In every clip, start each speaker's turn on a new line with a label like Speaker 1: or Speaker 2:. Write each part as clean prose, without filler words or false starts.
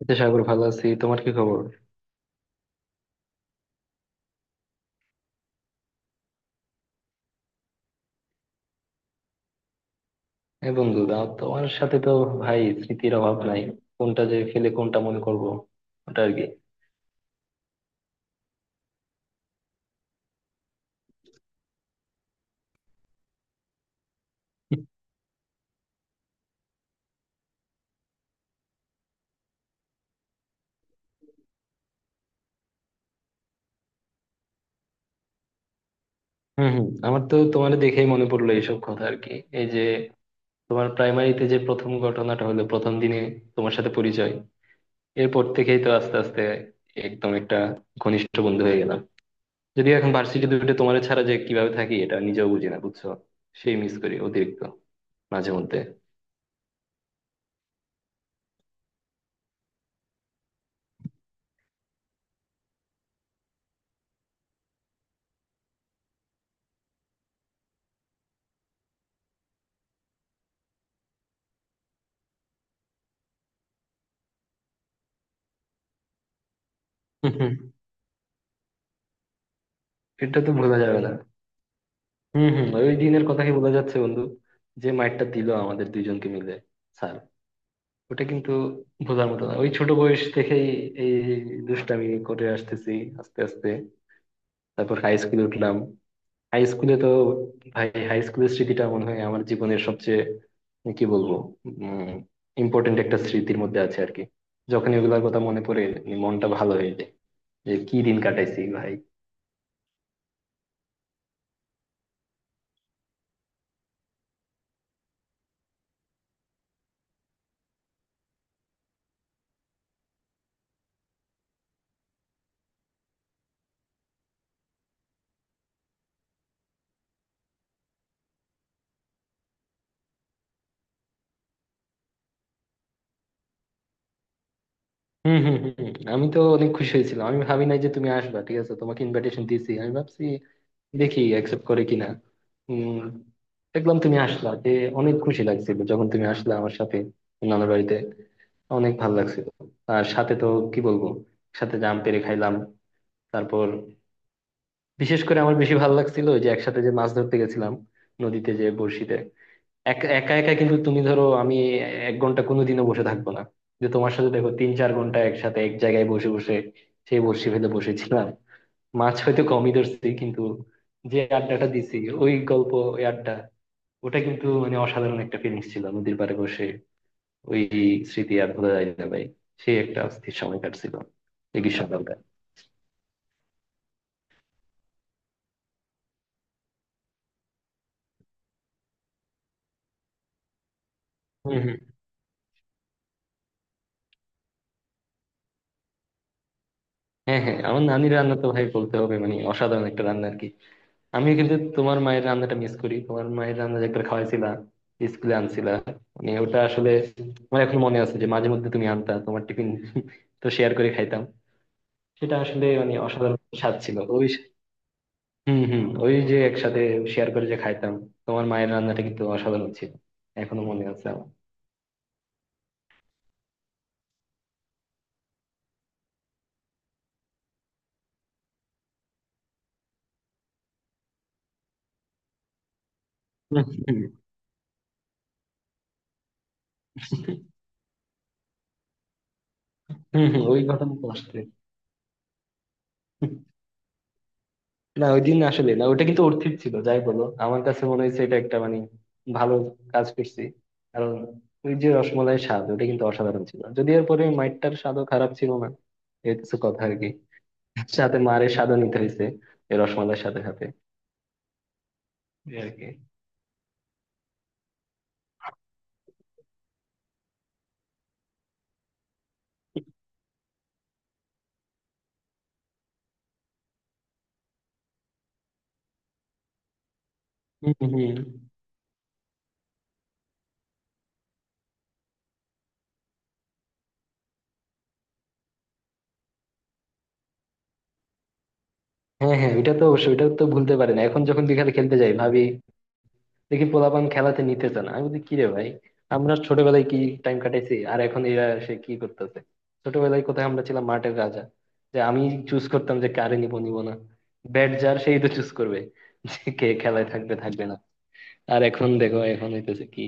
Speaker 1: এই তো সাগর, ভালো আছি। তোমার কি খবর? এই বন্ধু দাও, তোমার সাথে তো ভাই স্মৃতির অভাব নাই। কোনটা যে ফেলে কোনটা মনে করব, ওটা আর কি। হম হম, আমার তো তোমার দেখেই মনে পড়লো এইসব কথা আর কি। এই যে তোমার প্রাইমারিতে যে প্রথম ঘটনাটা হলো প্রথম দিনে, তোমার সাথে পরিচয়, এরপর থেকেই তো আস্তে আস্তে একদম একটা ঘনিষ্ঠ বন্ধু হয়ে গেলাম। যদিও এখন ভার্সিটি দুটো, তোমার ছাড়া যে কিভাবে থাকি এটা নিজেও বুঝি না, বুঝছো? সেই মিস করি অতিরিক্ত মাঝে মধ্যে। হুম, হুম। এটা তো ভোলা যাবে না। হম হম, ওই দিনের কথাই বোঝা যাচ্ছে বন্ধু। যে মাইরটা দিল আমাদের দুইজনকে মিলে স্যার, ওটা কিন্তু বোঝার মতো না। ওই ছোট বয়স থেকেই এই দুষ্টামি করে আসতেছি আস্তে আস্তে। তারপর হাই স্কুলে উঠলাম। হাই স্কুলে তো ভাই, হাই স্কুলের স্মৃতিটা মনে হয় আমার জীবনের সবচেয়ে, কি বলবো, উম ইম্পর্টেন্ট একটা স্মৃতির মধ্যে আছে আর কি। যখন এগুলার কথা মনে পড়ে মনটা ভালো হয়ে যায়, যে কি দিন কাটাইছি ভাই। হম হম হম, আমি তো অনেক খুশি হয়েছিলাম। আমি ভাবি নাই যে তুমি আসবা। ঠিক আছে, তোমাকে ইনভাইটেশন দিয়েছি, আমি ভাবছি দেখি অ্যাকসেপ্ট করে কিনা। উম দেখলাম তুমি আসলা যে, অনেক খুশি লাগছিল যখন তুমি আসলা আমার সাথে নানার বাড়িতে। অনেক ভালো লাগছিল। আর সাথে তো, কি বলবো, সাথে জাম পেরে খাইলাম। তারপর বিশেষ করে আমার বেশি ভালো লাগছিল ওই যে একসাথে যে মাছ ধরতে গেছিলাম নদীতে, যে বড়শিতে একা একা কিন্তু। তুমি ধরো আমি 1 ঘন্টা কোনোদিনও বসে থাকবো না, যে তোমার সাথে দেখো 3-4 ঘন্টা একসাথে এক জায়গায় বসে বসে সেই বসি ভেদে বসেছিলাম। মাছ হয়তো কমই ধরছি কিন্তু যে আড্ডাটা দিছি, ওই গল্প, ওই আড্ডা, ওটা কিন্তু মানে অসাধারণ একটা ফিলিংস ছিল নদীর পাড়ে বসে। ওই স্মৃতি আর ভোলা যায় না ভাই। সেই একটা অস্থির সময় কাটছিল এই গ্রীষ্মকালটা। হম হম। হ্যাঁ হ্যাঁ, আমার নানির রান্না তো ভাই বলতে হবে মানে অসাধারণ একটা রান্না আর কি। আমি কিন্তু তোমার মায়ের রান্নাটা মিস করি। তোমার মায়ের রান্না যে একবার খাওয়াইছিলা, স্কুলে আনছিলা, মানে ওটা আসলে, আমার এখন মনে আছে যে মাঝে মধ্যে তুমি আনতা তোমার টিফিন, তো শেয়ার করে খাইতাম। সেটা আসলে মানে অসাধারণ স্বাদ ছিল ওই। হম হম, ওই যে একসাথে শেয়ার করে যে খাইতাম, তোমার মায়ের রান্নাটা কিন্তু অসাধারণ ছিল, এখনো মনে আছে আমার। হম, হম, হম, ওই ঘটনা তো আসছে। না, ওই দিন আসলে, না ওটা কিন্তু অর্থিত ছিল যাই বলো। আমার কাছে মনে হয়েছে এটা একটা মানে ভালো কাজ করছি, কারণ ওই যে রসমলাইয়ের স্বাদ ওটা কিন্তু অসাধারণ ছিল। যদি এরপরে মাইটটার স্বাদও খারাপ ছিল না, এই কিছু কথা আর কি, সাথে মারের স্বাদও নিতে হয়েছে এই রসমালাইয়ের সাথে সাথে, এই আর কি। হম হম। হ্যাঁ হ্যাঁ, ওইটা তো অবশ্যই, ওইটা তো ভুলতে পারি না। এখন যখন বিকালে খেলতে যাই, ভাবি দেখি পোলাপান খেলাতে নিতেছে না, আমি বলি কিরে ভাই, আমরা ছোটবেলায় কি টাইম কাটাইছি, আর এখন এরা এসে কি করতেছে। ছোটবেলায় কোথায় আমরা ছিলাম মাঠের রাজা, যে আমি চুজ করতাম যে কারে নিব নিব না, ব্যাট যার সেই তো চুজ করবে যে কে খেলায় থাকবে থাকবে না। আর এখন দেখো এখন হইতেছে কি,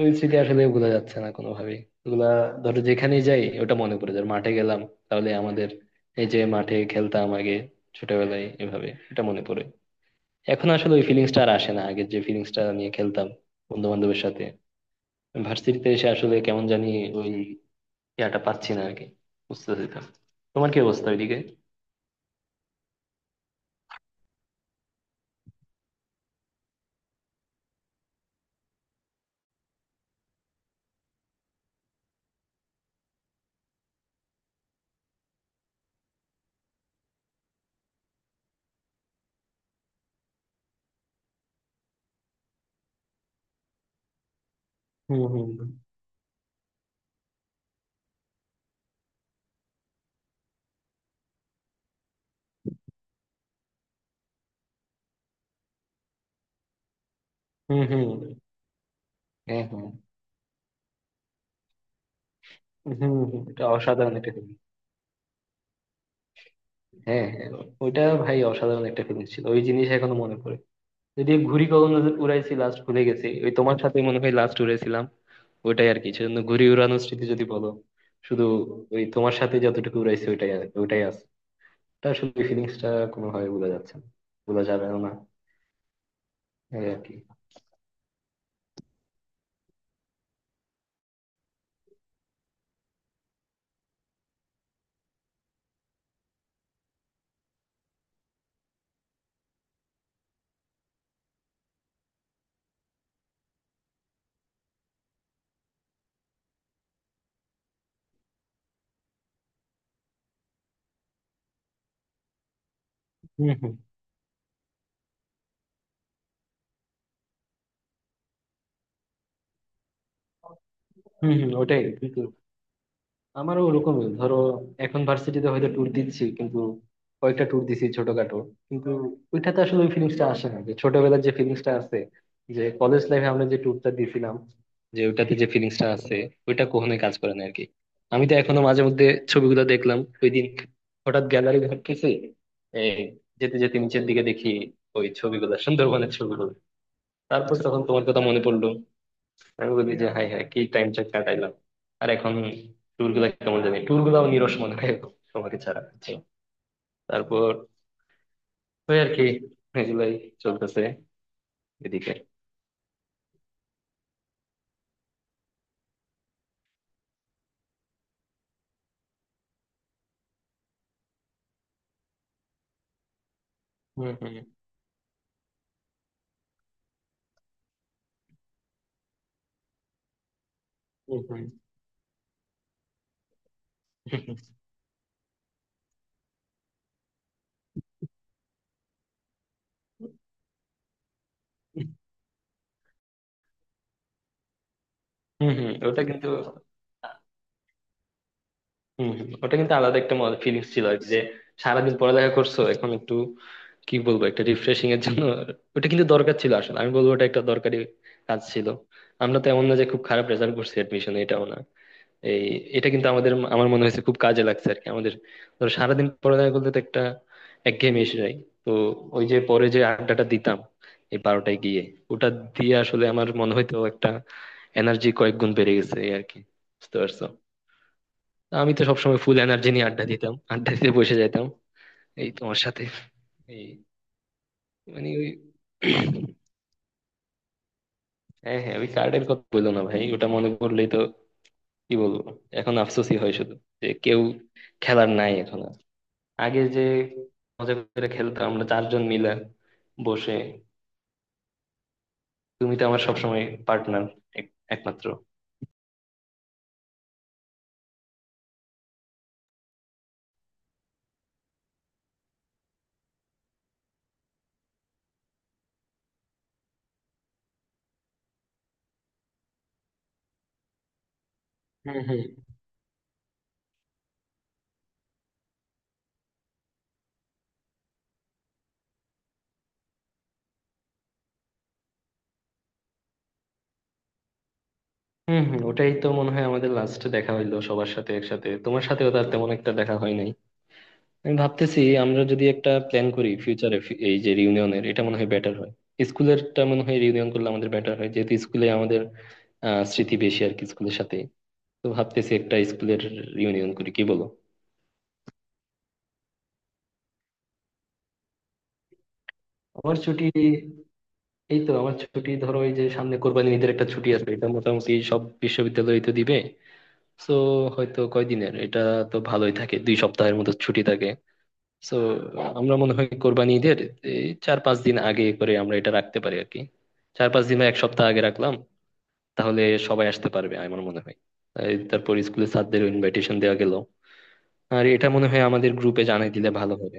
Speaker 1: ওই স্মৃতি আসলে ভোলা যাচ্ছে না কোনোভাবেই। ওগুলা ধরো যেখানেই যাই ওটা মনে পড়ে যায়। মাঠে গেলাম, তাহলে আমাদের এই যে মাঠে খেলতাম আগে ছোটবেলায় এভাবে, এটা মনে পড়ে। এখন আসলে ওই ফিলিংসটা আর আসে না, আগের যে ফিলিংসটা নিয়ে খেলতাম বন্ধু বান্ধবের সাথে। ভার্সিটিতে এসে আসলে কেমন জানি ওই ইয়াটা পাচ্ছি না আরকি, বুঝতেছি তো। তোমার কি অবস্থা ওইদিকে? হুম হুম। হুম হুম হুম। হ্যাঁ হ্যাঁ। হুম হুম হুম। এটা অসাধারণ একটা ফিলিং। হ্যাঁ হ্যাঁ, ওইটা ভাই অসাধারণ একটা ফিলিং ছিল, ওই জিনিস এখনো মনে পড়ে। যদি ঘুড়ি কখন উড়াইছি লাস্ট, ভুলে গেছি, ওই তোমার সাথে মনে হয় লাস্ট উড়াইছিলাম। ওইটাই আর কি, সেজন্য ঘুড়ি উড়ানোর স্মৃতি যদি বলো, শুধু ওই তোমার সাথে যতটুকু উড়াইছি ওইটাই আছে। তা আসলে ফিলিংসটা কোনোভাবে বোঝা যাচ্ছে না, বোঝা যাবেও না, এই আর কি। হম হম। হম হম, ওটাই কিন্তু আমারও ওরকমই। ধরো এখন ভার্সিটিতে হয়তো ট্যুর দিচ্ছি, কিন্তু কয়েকটা ট্যুর দিছি ছোটখাটো, কিন্তু ওইটাতে আসলে ওই ফিলিংসটা আসে না যে ছোটবেলার যে ফিলিংসটা আছে, যে কলেজ লাইফে আমরা যে ট্যুরটা দিছিলাম, যে ওইটাতে যে ফিলিংসটা আছে, ওইটা কখনোই কাজ করে না আর কি। আমি তো এখনো মাঝে মধ্যে, ছবিগুলো দেখলাম ওই দিন, হঠাৎ গ্যালারি ঘাটতেছি, এই যেতে যেতে নিচের দিকে দেখি ওই ছবিগুলো, সুন্দরবনের ছবিগুলো। তারপর তখন তোমার কথা মনে পড়লো, আমি বলি যে হাই হাই কি টাইম চেক কাটাইলাম। আর এখন ট্যুর গুলা কেমন জানি, ট্যুর গুলাও নিরস মনে হয় এখন তোমাকে ছাড়া, বুঝছো? তারপর ওই আর কি, এগুলাই চলতেছে এদিকে। হুম হুম। হুম হুম। হুম হুম। ওটা কিন্তু, হম, ওটা কিন্তু আলাদা একটা মজা ফিলিংস ছিল আর কি। যে সারাদিন পড়ালেখা করছো, এখন একটু, কি বলবো, একটা রিফ্রেশিং এর জন্য ওটা কিন্তু দরকার ছিল। আসলে আমি বলবো ওটা একটা দরকারি কাজ ছিল। আমরা তো এমন না যে খুব খারাপ রেজাল্ট করছি অ্যাডমিশনে, এটাও না। এই এটা কিন্তু আমাদের, আমার মনে হয়েছে খুব কাজে লাগছে আর কি আমাদের। ধরো সারাদিন পড়ালেখা করতে তো একটা একঘেয়েমি এসে যায়, তো ওই যে পরে যে আড্ডাটা দিতাম এই 12টায় গিয়ে, ওটা দিয়ে আসলে আমার মনে হয়তো একটা এনার্জি কয়েক গুণ বেড়ে গেছে এই আর কি, বুঝতে পারছো? তো আমি তো সবসময় ফুল এনার্জি নিয়ে আড্ডা দিতাম, আড্ডা দিতে বসে যেতাম এই তোমার সাথে। এই মানে ওই, হ্যাঁ হ্যাঁ, ওই কার্ডের কথা বললো না ভাই, ওটা মনে পড়লেই তো, কি বলবো, এখন আফসোসই হয় শুধু, যে কেউ খেলার নাই এখন আর। আগে যে মজা করে খেলতাম আমরা 4 জন মিলে বসে, তুমি তো আমার সবসময় পার্টনার, একমাত্র। হুম হুম। হম হম, ওটাই তো মনে হয় আমাদের লাস্টে দেখা হইলো সবার সাথে একসাথে। তোমার সাথেও তার তেমন একটা দেখা হয় নাই। আমি ভাবতেছি আমরা যদি একটা প্ল্যান করি ফিউচারে, এই যে রিউনিয়নের, এটা মনে হয় বেটার হয়। স্কুলেরটা মনে হয় রিউনিয়ন করলে আমাদের বেটার হয়, যেহেতু স্কুলে আমাদের আহ স্মৃতি বেশি আর কি স্কুলের সাথে। তো ভাবতেছি একটা স্কুলের রিউনিয়ন করি, কি বলো? আমার ছুটি, এই তো আমার ছুটি ধরো এই যে সামনে কোরবানি ঈদের একটা ছুটি আছে, এটা মোটামুটি সব বিশ্ববিদ্যালয় তো দিবে। তো হয়তো কয়দিনের এটা, তো ভালোই থাকে, 2 সপ্তাহের মতো ছুটি থাকে। তো আমরা মনে হয় কোরবানি ঈদের এই 4-5 দিন আগে করে আমরা এটা রাখতে পারি আর কি। 4-5 দিন বা 1 সপ্তাহ আগে রাখলাম, তাহলে সবাই আসতে পারবে আমার মনে হয়। এই তারপর স্কুলে স্যারদেরও ইনভাইটেশন দেওয়া গেল, আর এটা মনে হয় আমাদের গ্রুপে জানিয়ে দিলে ভালো হবে।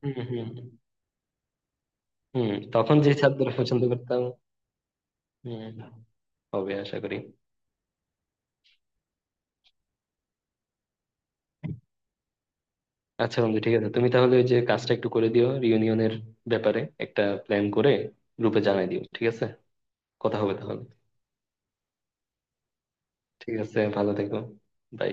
Speaker 1: হুম হুম। হুম, তখন যে স্যারদের পছন্দ করতাম। হুম, হবে আশা করি। আচ্ছা বন্ধু ঠিক আছে, তুমি তাহলে ওই যে কাজটা একটু করে দিও, রিউনিয়নের ব্যাপারে একটা প্ল্যান করে গ্রুপে জানাই দিও, ঠিক আছে? কথা হবে তাহলে। ঠিক আছে, ভালো থেকো। বাই।